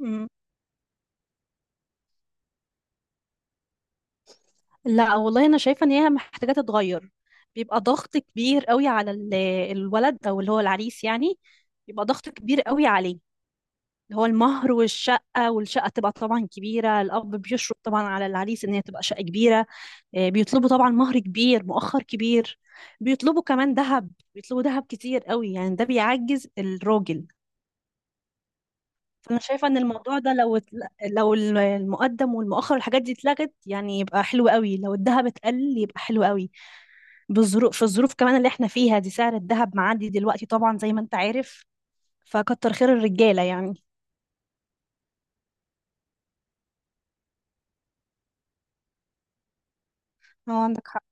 مم. لا والله انا شايفه ان هي محتاجه تتغير. بيبقى ضغط كبير قوي على الولد او اللي هو العريس يعني. بيبقى ضغط كبير قوي عليه، اللي هو المهر والشقه، والشقه تبقى طبعا كبيره، الاب بيشرط طبعا على العريس ان هي تبقى شقه كبيره. بيطلبوا طبعا مهر كبير مؤخر كبير، بيطلبوا كمان ذهب، بيطلبوا ذهب كتير قوي يعني، ده بيعجز الراجل. فانا شايفه ان الموضوع ده لو لو المقدم والمؤخر والحاجات دي اتلغت يعني يبقى حلو قوي، لو الذهب اتقل يبقى حلو قوي. في الظروف كمان اللي احنا فيها دي سعر الذهب معدي دلوقتي طبعا زي ما انت عارف، فكتر خير الرجالة يعني. هو عندك حق.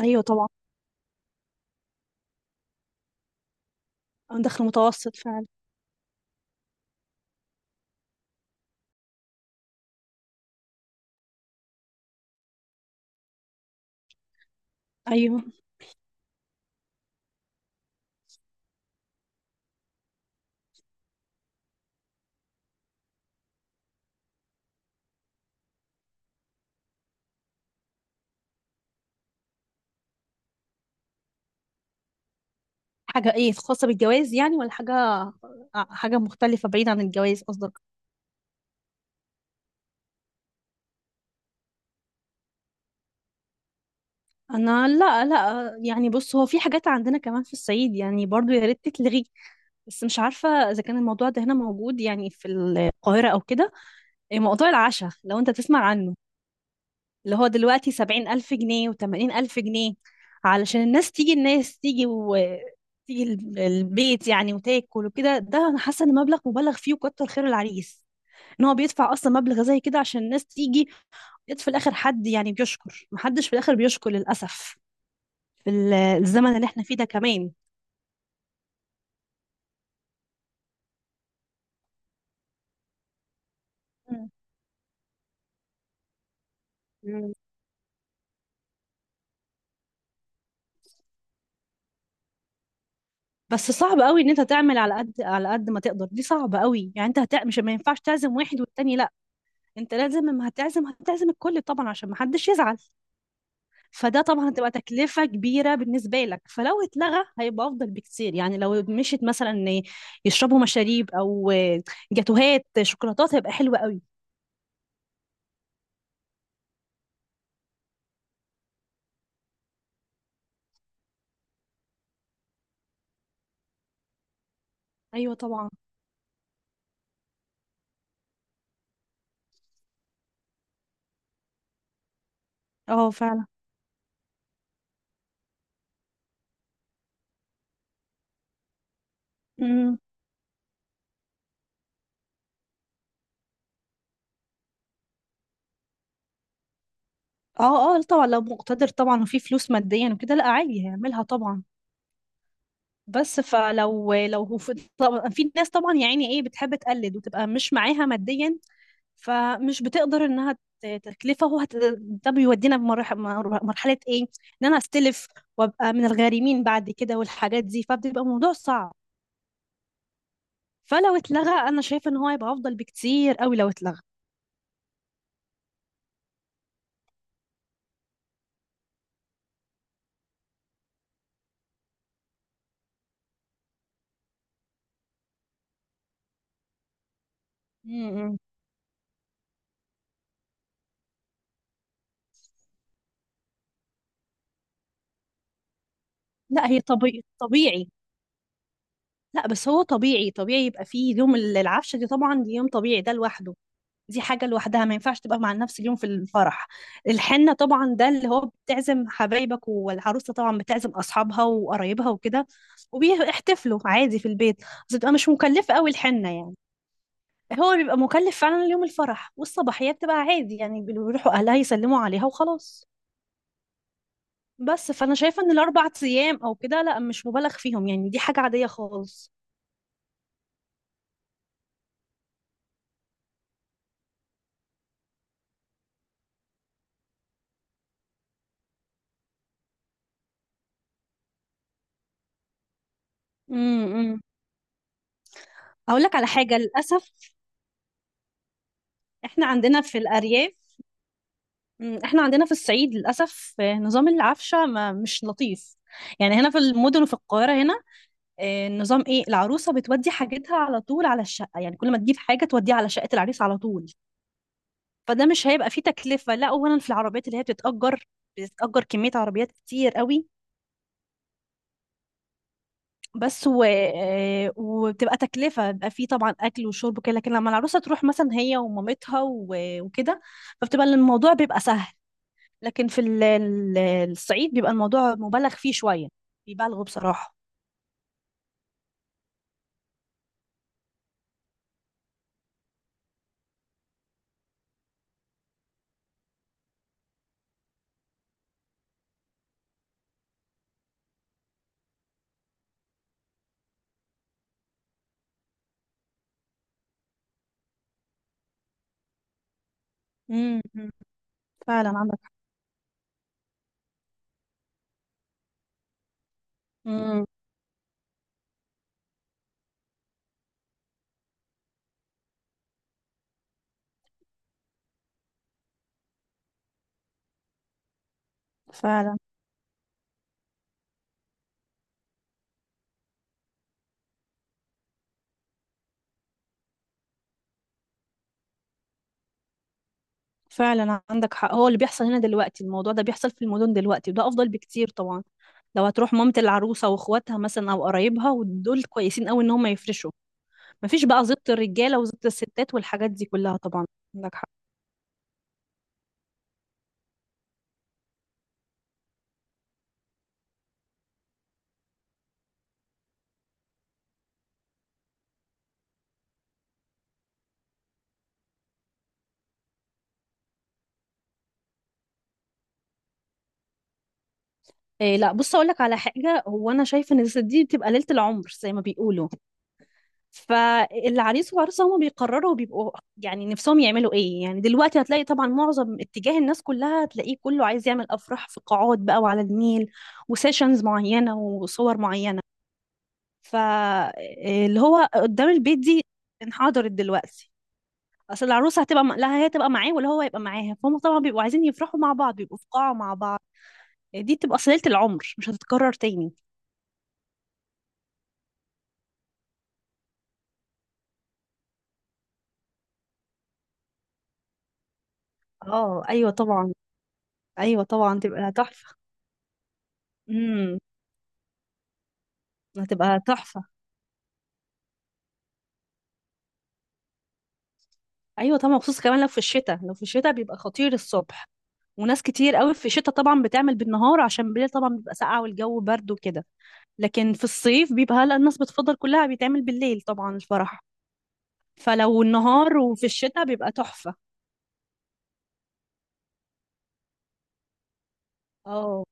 ايوه طبعا. دخل متوسط فعلا. ايوه. حاجة ايه؟ خاصة بالجواز يعني ولا حاجة؟ حاجة مختلفة بعيد عن الجواز قصدك. انا لا لا يعني، بص، هو في حاجات عندنا كمان في الصعيد يعني برضو يا ريت تتلغي، بس مش عارفة اذا كان الموضوع ده هنا موجود يعني في القاهرة او كده. إيه موضوع العشاء، لو انت تسمع عنه؟ اللي هو دلوقتي 70,000 جنيه و80,000 جنيه، علشان الناس تيجي، الناس تيجي وتيجي البيت يعني وتاكل وكده. ده أنا حاسة إن مبلغ مبالغ فيه، وكتر خير العريس إن هو بيدفع أصلا مبلغ زي كده عشان الناس تيجي، ويت في الآخر حد يعني بيشكر، محدش في الآخر بيشكر للأسف في الزمن اللي احنا فيه ده كمان. مم. مم. بس صعب قوي ان انت تعمل على قد ما تقدر، دي صعبة قوي يعني، انت مش، ما ينفعش تعزم واحد والتاني لا، انت لازم لما هتعزم هتعزم الكل طبعا عشان ما حدش يزعل. فده طبعا هتبقى تكلفة كبيرة بالنسبة لك، فلو اتلغى هيبقى أفضل بكتير، يعني لو مشيت مثلا إن يشربوا مشاريب أو جاتوهات شوكولاتات هيبقى حلو قوي. أيوة طبعا. اه فعلا. امم. اه اه طبعا لو مقتدر طبعا وفي فلوس ماديا وكده لا عادي هيعملها طبعا، بس فلو هو في طبعا في ناس طبعا يا عيني ايه بتحب تقلد وتبقى مش معاها ماديا، فمش بتقدر انها تتلفه، هو ده بيودينا بمرحله. مرحله ايه؟ ان انا استلف وابقى من الغارمين بعد كده والحاجات دي، فبتبقى موضوع صعب. فلو اتلغى انا شايفه ان هو هيبقى افضل بكتير قوي لو اتلغى. امم. لا هي طبيعي طبيعي. لا بس هو طبيعي طبيعي، يبقى فيه يوم العفشه دي طبعا، دي يوم طبيعي ده لوحده، دي حاجة لوحدها ما ينفعش تبقى مع نفس اليوم في الفرح. الحنة طبعا ده اللي هو بتعزم حبايبك، والعروسة طبعا بتعزم أصحابها وقرايبها وكده، وبيحتفلوا عادي في البيت، بس بتبقى مش مكلفة أوي الحنة يعني. هو اللي بيبقى مكلف فعلا اليوم الفرح، والصباحية بتبقى عادي يعني بيروحوا أهلها يسلموا عليها وخلاص. بس فأنا شايفة إن الأربع أيام أو كده لا مش مبالغ فيهم، يعني دي حاجة عادية خالص. امم. اقول لك على حاجه، للاسف احنا عندنا في الارياف. مم، احنا عندنا في الصعيد للأسف. نظام العفشة ما مش لطيف يعني، هنا في المدن وفي القاهرة هنا. النظام ايه؟ العروسة بتودي حاجتها على طول على الشقة، يعني كل ما تجيب حاجة توديها على شقة العريس على طول، فده مش هيبقى فيه تكلفة. لا أولا في العربيات اللي هي بتتأجر، كمية عربيات كتير قوي. بس وبتبقى تكلفة، بيبقى فيه طبعا أكل وشرب وكده، لكن لما العروسة تروح مثلا هي ومامتها وكده، فبتبقى الموضوع بيبقى سهل. لكن في الصعيد بيبقى الموضوع مبالغ فيه شوية، بيبالغوا بصراحة. امم. فعلا عندك. امم. فعلا. فعلا عندك حق، هو اللي بيحصل هنا دلوقتي الموضوع ده بيحصل في المدن دلوقتي وده أفضل بكتير طبعا. لو هتروح مامة العروسة واخواتها مثلا أو قرايبها ودول كويسين قوي إن هم يفرشوا، مفيش بقى زبط الرجالة وزبط الستات والحاجات دي كلها طبعا. عندك حق. لا بص أقولك على حاجة، هو أنا شايفة إن دي بتبقى ليلة العمر زي ما بيقولوا، فالعريس والعروسة هما بيقرروا، بيبقوا يعني نفسهم يعملوا ايه. يعني دلوقتي هتلاقي طبعا معظم اتجاه الناس كلها، هتلاقيه كله عايز يعمل افراح في قاعات بقى وعلى النيل، وسيشنز معينة وصور معينة. فاللي هو قدام البيت دي انحدرت دلوقتي، اصل العروسة هتبقى لا هي تبقى معاه ولا هو يبقى معاها، فهم طبعا بيبقوا عايزين يفرحوا مع بعض، بيبقوا في قاعة مع بعض. دي بتبقى صلة العمر مش هتتكرر تاني. اه ايوه طبعا. ايوه طبعا تبقى تحفة. امم. هتبقى تحفة. ايوه طبعا، خصوصا كمان لو في الشتاء، لو في الشتاء بيبقى خطير الصبح، وناس كتير قوي في الشتاء طبعا بتعمل بالنهار عشان بالليل طبعا بيبقى ساقعه والجو برد وكده، لكن في الصيف بيبقى هلا الناس بتفضل كلها بيتعمل بالليل طبعا الفرح. فلو النهار وفي الشتاء بيبقى تحفة. اه.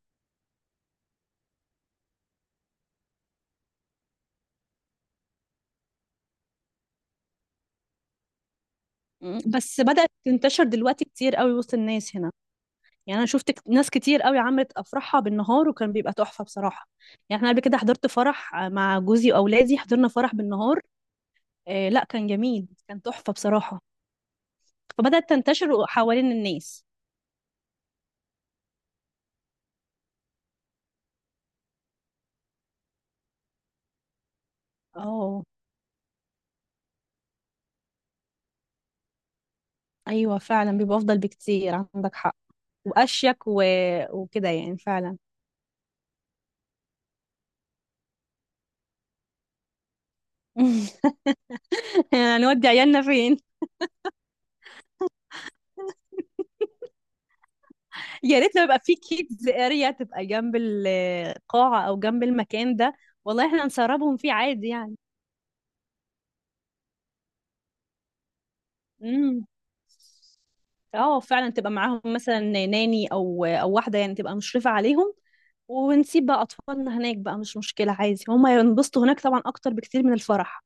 بس بدأت تنتشر دلوقتي كتير قوي وسط الناس هنا، يعني انا شفت ناس كتير قوي عملت افراحها بالنهار وكان بيبقى تحفة بصراحة. يعني احنا قبل كده حضرت فرح مع جوزي واولادي، حضرنا فرح بالنهار، آه لا كان جميل كان تحفة بصراحة. فبدأت تنتشر حوالين الناس. اه ايوه فعلا بيبقى افضل بكتير عندك حق، واشيك وكده يعني فعلا. هنودي عيالنا فين؟ يا ريت لو يبقى في كيدز اريا تبقى جنب القاعة او جنب المكان ده، والله احنا نسربهم فيه عادي يعني. امم. اه فعلا، تبقى معاهم مثلا ناني او واحدة يعني تبقى مشرفة عليهم، ونسيب بقى اطفالنا هناك بقى، مش مشكلة عادي هما ينبسطوا هناك طبعا اكتر بكتير من الفرح.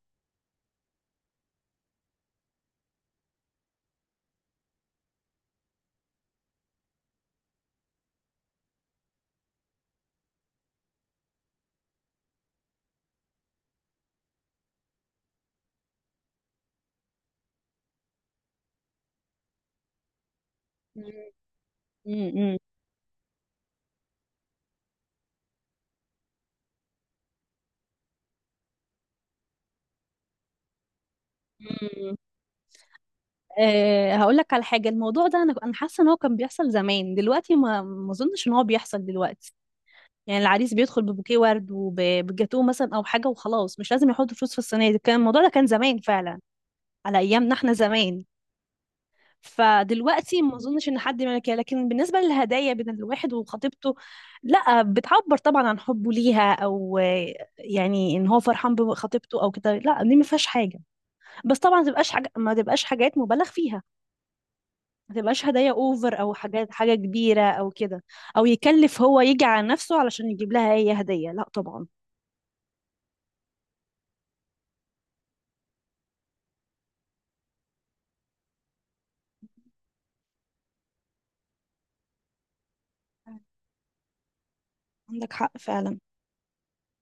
امم. مم. هقول لك على حاجه، الموضوع ده انا حاسه ان هو كان بيحصل زمان، دلوقتي ما اظنش ان هو بيحصل دلوقتي. يعني العريس بيدخل ببوكيه ورد وبجاتوه مثلا او حاجه وخلاص، مش لازم يحط فلوس في الصينيه، كان الموضوع ده كان زمان فعلا على ايامنا احنا زمان، فدلوقتي ما اظنش ان حد يعمل كده. لكن بالنسبه للهدايا بين الواحد وخطيبته، لا بتعبر طبعا عن حبه ليها او يعني ان هو فرحان بخطيبته او كده، لا دي ما فيهاش حاجه، بس طبعا ما تبقاش حاجات مبالغ فيها، ما تبقاش هدايا اوفر او حاجات حاجه كبيره او كده، او يكلف هو يجي على نفسه علشان يجيب لها هي هديه، لا طبعا. عندك حق فعلا.